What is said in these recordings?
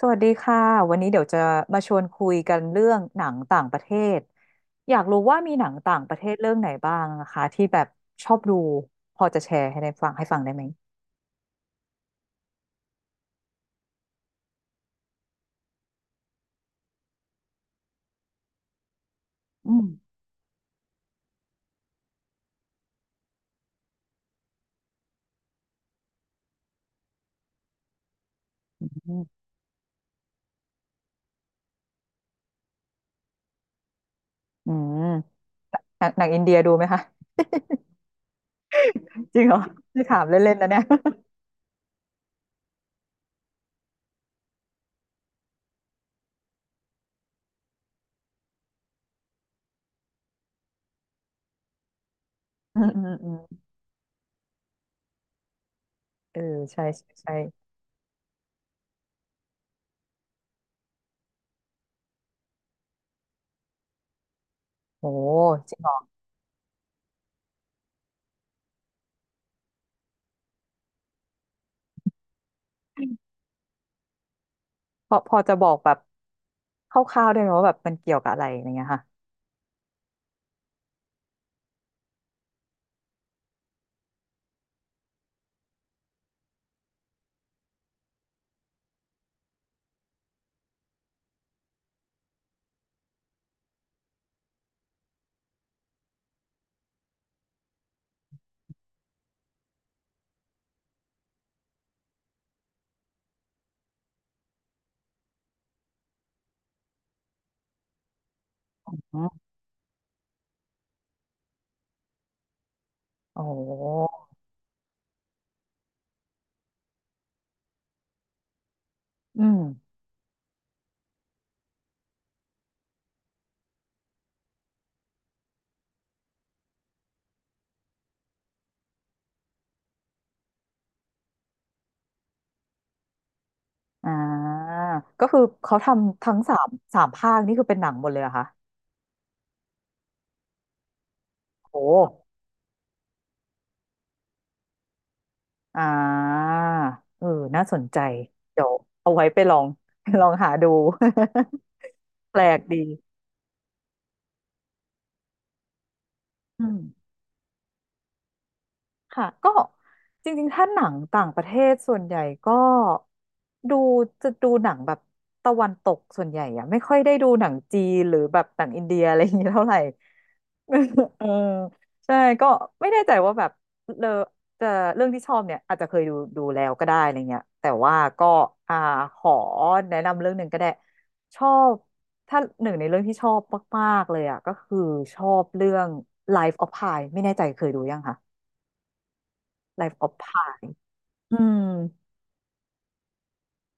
สวัสดีค่ะวันนี้เดี๋ยวจะมาชวนคุยกันเรื่องหนังต่างประเทศอยากรู้ว่ามีหนังต่างประเทศเรื่องไหนบ้างนะคะที่แบบชอบดูพอจะแชร์ให้ได้ฟังให้ฟังได้ไหมอืมอืมอืมหนังอินเดียดูไหมคะจริงเหรอไม่ถามเล่นๆนะเนี่ย อืมอืมอืมเออใช่ใช่ใช่โหจริงเหรอพอจะบอกแบบคร่าวๆได้ไหมว่าแบบมันเกี่ยวกับอะไรอย่างเงี้ยค่ะอืมโอ้โหอืม อ่าก็คือเขาทำทั้งสามสามภาคนี่คือเป็นหนังหมดเลยเหรอะคะโอ้อ่าเออน่าสนใจเดี๋ยวเอาไว้ไปลอง ลองหาดู แปลกดีอืม ค่ะก็จริงๆถ้าหนังต่างประเทศส่วนใหญ่ก็ดูจะดูหนังแบบตะวันตกส่วนใหญ่อะไม่ค่อยได้ดูหนังจีนหรือแบบหนังอินเดียอะไรอย่างเงี้ยเท่าไหร่ เออใช่ก็ไม่แน่ใจว่าแบบเลอจะเรื่องที่ชอบเนี่ยอาจจะเคยดูแล้วก็ได้อะไรเงี้ยแต่ว่าก็อ่าขอแนะนำเรื่องหนึ่งก็ได้ชอบถ้าหนึ่งในเรื่องที่ชอบมากๆเลยอะก็คือชอบเรื่อง Life of Pi ไม่แน่ใจเคยดูยังคะ Life of Pi อืม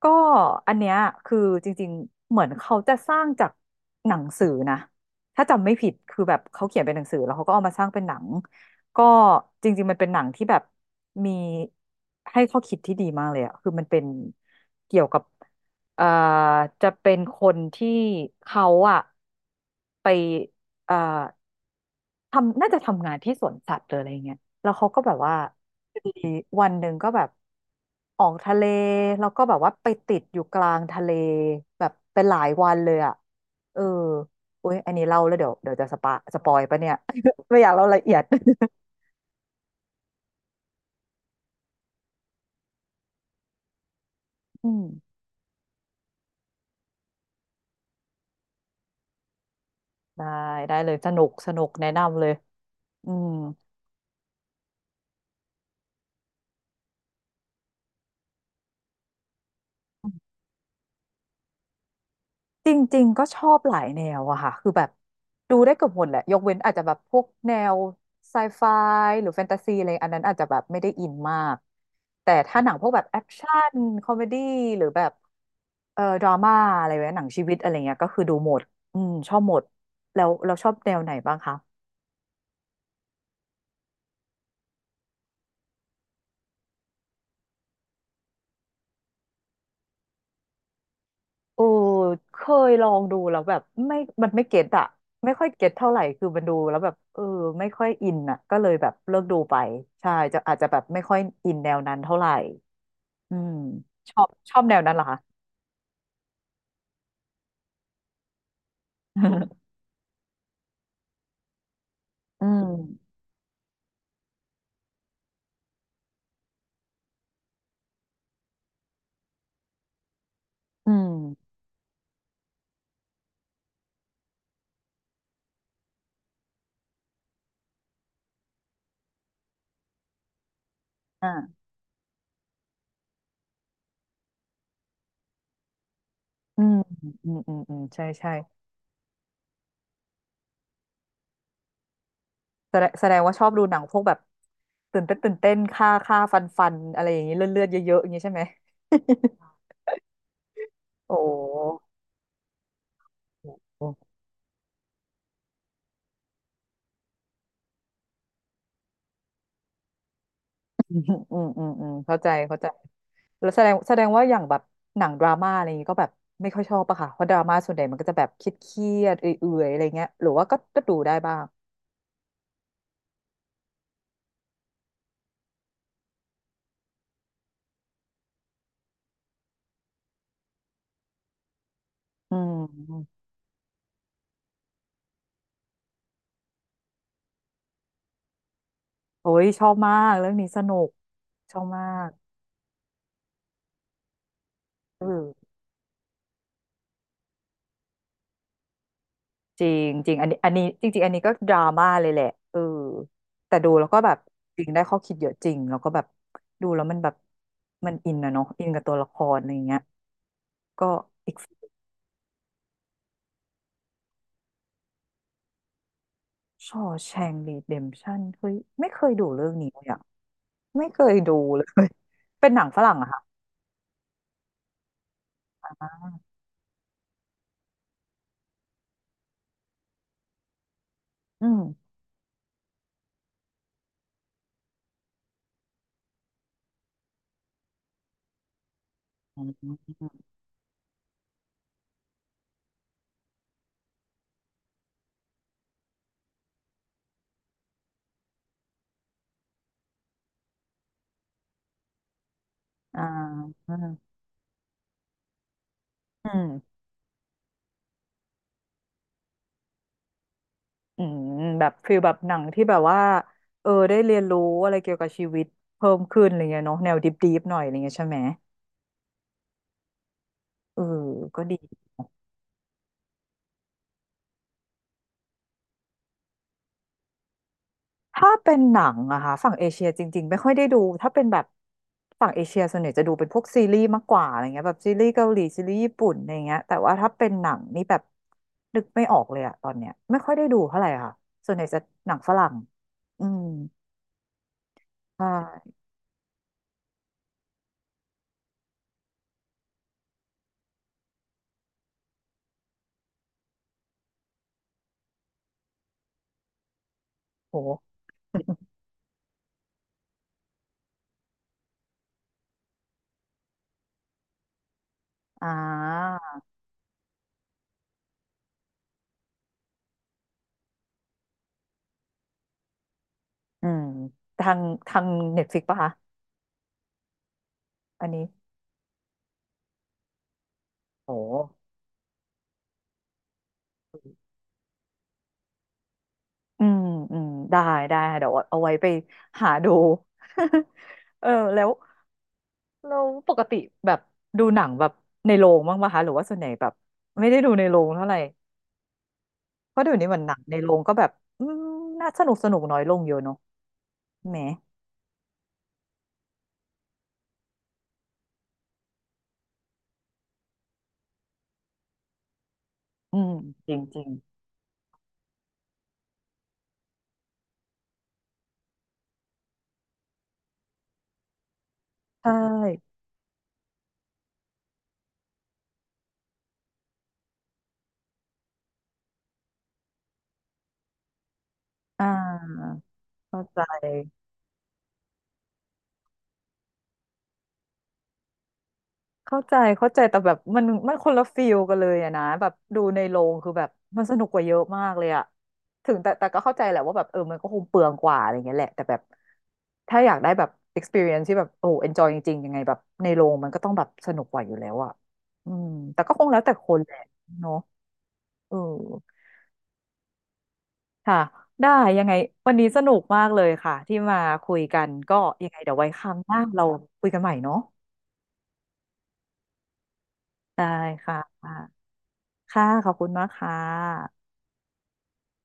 ก็อันเนี้ยคือจริงๆ เหมือนเขาจะสร้างจากหนังสือนะถ้าจำไม่ผิดคือแบบเขาเขียนเป็นหนังสือแล้วเขาก็เอามาสร้างเป็นหนังก็จริงๆมันเป็นหนังที่แบบมีให้ข้อคิดที่ดีมากเลยอะคือมันเป็นเกี่ยวกับเอ่อจะเป็นคนที่เขาอะไปเอ่อ ทำน่าจะทำงานที่สวนสัตว์หรืออะไรเงี้ยแล้วเขาก็แบบว่ามีวันหนึ่งก็แบบ ออกทะเลแล้วก็แบบว่าไปติดอยู่กลางทะเลแบบเป็นหลายวันเลยอ่ะเอออุ้ยอันนี้เล่าแล้วเดี๋ยวเดี๋ยวจะสปะสปอยปะเนี่ย ไม่อยากเล่ารายละเอียด อืมได้ได้เลยสนุกสนุกแนะนำเลยอืม จริงๆ ก็ชอบหลายแนวอะค่ะ คือแบบดูได้เกือบหมดแหละ ยกเว้นอาจจะแบบพวกแนวไซไฟหรือแฟนตาซีอะไรอันนั้นอาจจะแบบไม่ได้อินมาก แต่ถ้าหนังพวกแบบแอคชั่นคอมเมดี้หรือแบบดราม่าอะไรแบบหนังชีวิตอะไรเงี้ยก็คือดูหมด อืมชอบหมด แล้วเราชอบแนวไหนบ้างคะโอ้เคยลองดูแล้วแบบไม่มันไม่เก็ตอะไม่ค่อยเก็ตเท่าไหร่คือมันดูแล้วแบบเออไม่ค่อยอินอะก็เลยแบบเลิกดูไปใช่จะอาจจะแบบไม่ค่อยอินแนวนั้นเท่าไหร่ อืมชอบแนวนั้นเหรอคะ อืมอืมอ่าอืมอืมอืมอืมใช่ใช่แสดงว่าชอบดูหนังพวกแบบตื่นเต้นตื่นเต้นฆ่าฆ่าฟันฟันอะไรอย่างนี้เลือดเลือดเยอะๆอย่างนี้ใช่ไหม โอ้โหอืมอืมอืมอืมเข้าใจเข้าใจแล้วแสดงว่าอย่างแบบหนังดราม่าอะไรอย่างนี้ก็แบบไม่ค่อยชอบปะค่ะเพราะดราม่าส่วนใหญ่มันก็จะแบบเครียดๆเอื่อยๆอะไรเงี้ยหรือว่าก็ดูได้บ้างอืม โอ้ยชอบมากเรื่องนี้สนุกชอบมากเออจริงจริงอันนี้จริงๆอันนี้ก็ดราม่าเลยแหละเออแต่ดูแล้วก็แบบจริงได้ข้อคิดเยอะจริงแล้วก็แบบดูแล้วมันแบบมันอินนะเนาะอินกับตัวละครอะไรอย่างเงี้ยก็อีกชอแชงรีเดมชั่นเฮ้ยไม่เคยดูเรื่องนี้เลยอะไม่เคยดูเลย เป็นหนังฝรั่งอะค่ะอืมอืมอ่าอืมอืม อืมแบบฟีลแบบหนังที่แบบว่าเออได้เรียนรู้อะไรเกี่ยวกับชีวิตเพิ่มขึ้นอะไรเงี้ยเนาะแนวดิบๆหน่อยอะไรเงี้ยใช่ไหมเออก็ดีถ้าเป็นหนังอะค่ะฝั่งเอเชียจริงๆไม่ค่อยได้ดูถ้าเป็นแบบฝั่งเอเชียส่วนใหญ่จะดูเป็นพวกซีรีส์มากกว่าอะไรเงี้ยแบบซีรีส์เกาหลีซีรีส์ญี่ปุ่นอะไรเงี้ยแต่ว่าถ้าเป็นหนังนี่แบบนึกไม่ออกเลยอะตอนเนี้ยไม่ค่อยได้ดูเท่าไหร่ค่ะส่วนใหญ่จะหนังฝรั่งอืมใช่โห อ่าอืมทางทางเน็ตฟลิกปะคะ อันนี้โอ้อืมอืมได้ได้ค่ะเดี๋ยวเอาไว้ไปหาดู เออแล้วเราปกติแบบดูหนังแบบในโรงบ้างปะคะหรือว่าส่วนใหญ่แบบไม่ได้ดูในโรงเท่าไหร่เพราะเดี๋ยวนี้เหมันหนังในโรงก็แบบอืมน่าสนุกสนุกน้อยลงเยอะเนาะแหมอืมจริงจริงใช่อ่าเข้าใจ เข้าใจเข้าใจแต่แบบมันคนละฟีลกันเลยอะนะแบบดูในโรงคือแบบมันสนุกกว่าเยอะมากเลยอะถึงแต่ก็เข้าใจแหละว่าแบบเออมันก็คงเปลืองกว่าอะไรเงี้ยแหละแต่แบบถ้าอยากได้แบบ experience ที่แบบโอ้ enjoy จริงๆยังไงแบบในโรงมันก็ต้องแบบสนุกกว่าอยู่แล้วอะอืมแต่ก็คงแล้วแต่คนแหละเนาะเออค่ะได้ยังไงวันนี้สนุกมากเลยค่ะที่มาคุยกันก็ยังไงเดี๋ยวไว้ครั้งหน้าเราคุยกันใหม่เนาะได้ค่ะค่ะขอบคุณมากค่ะ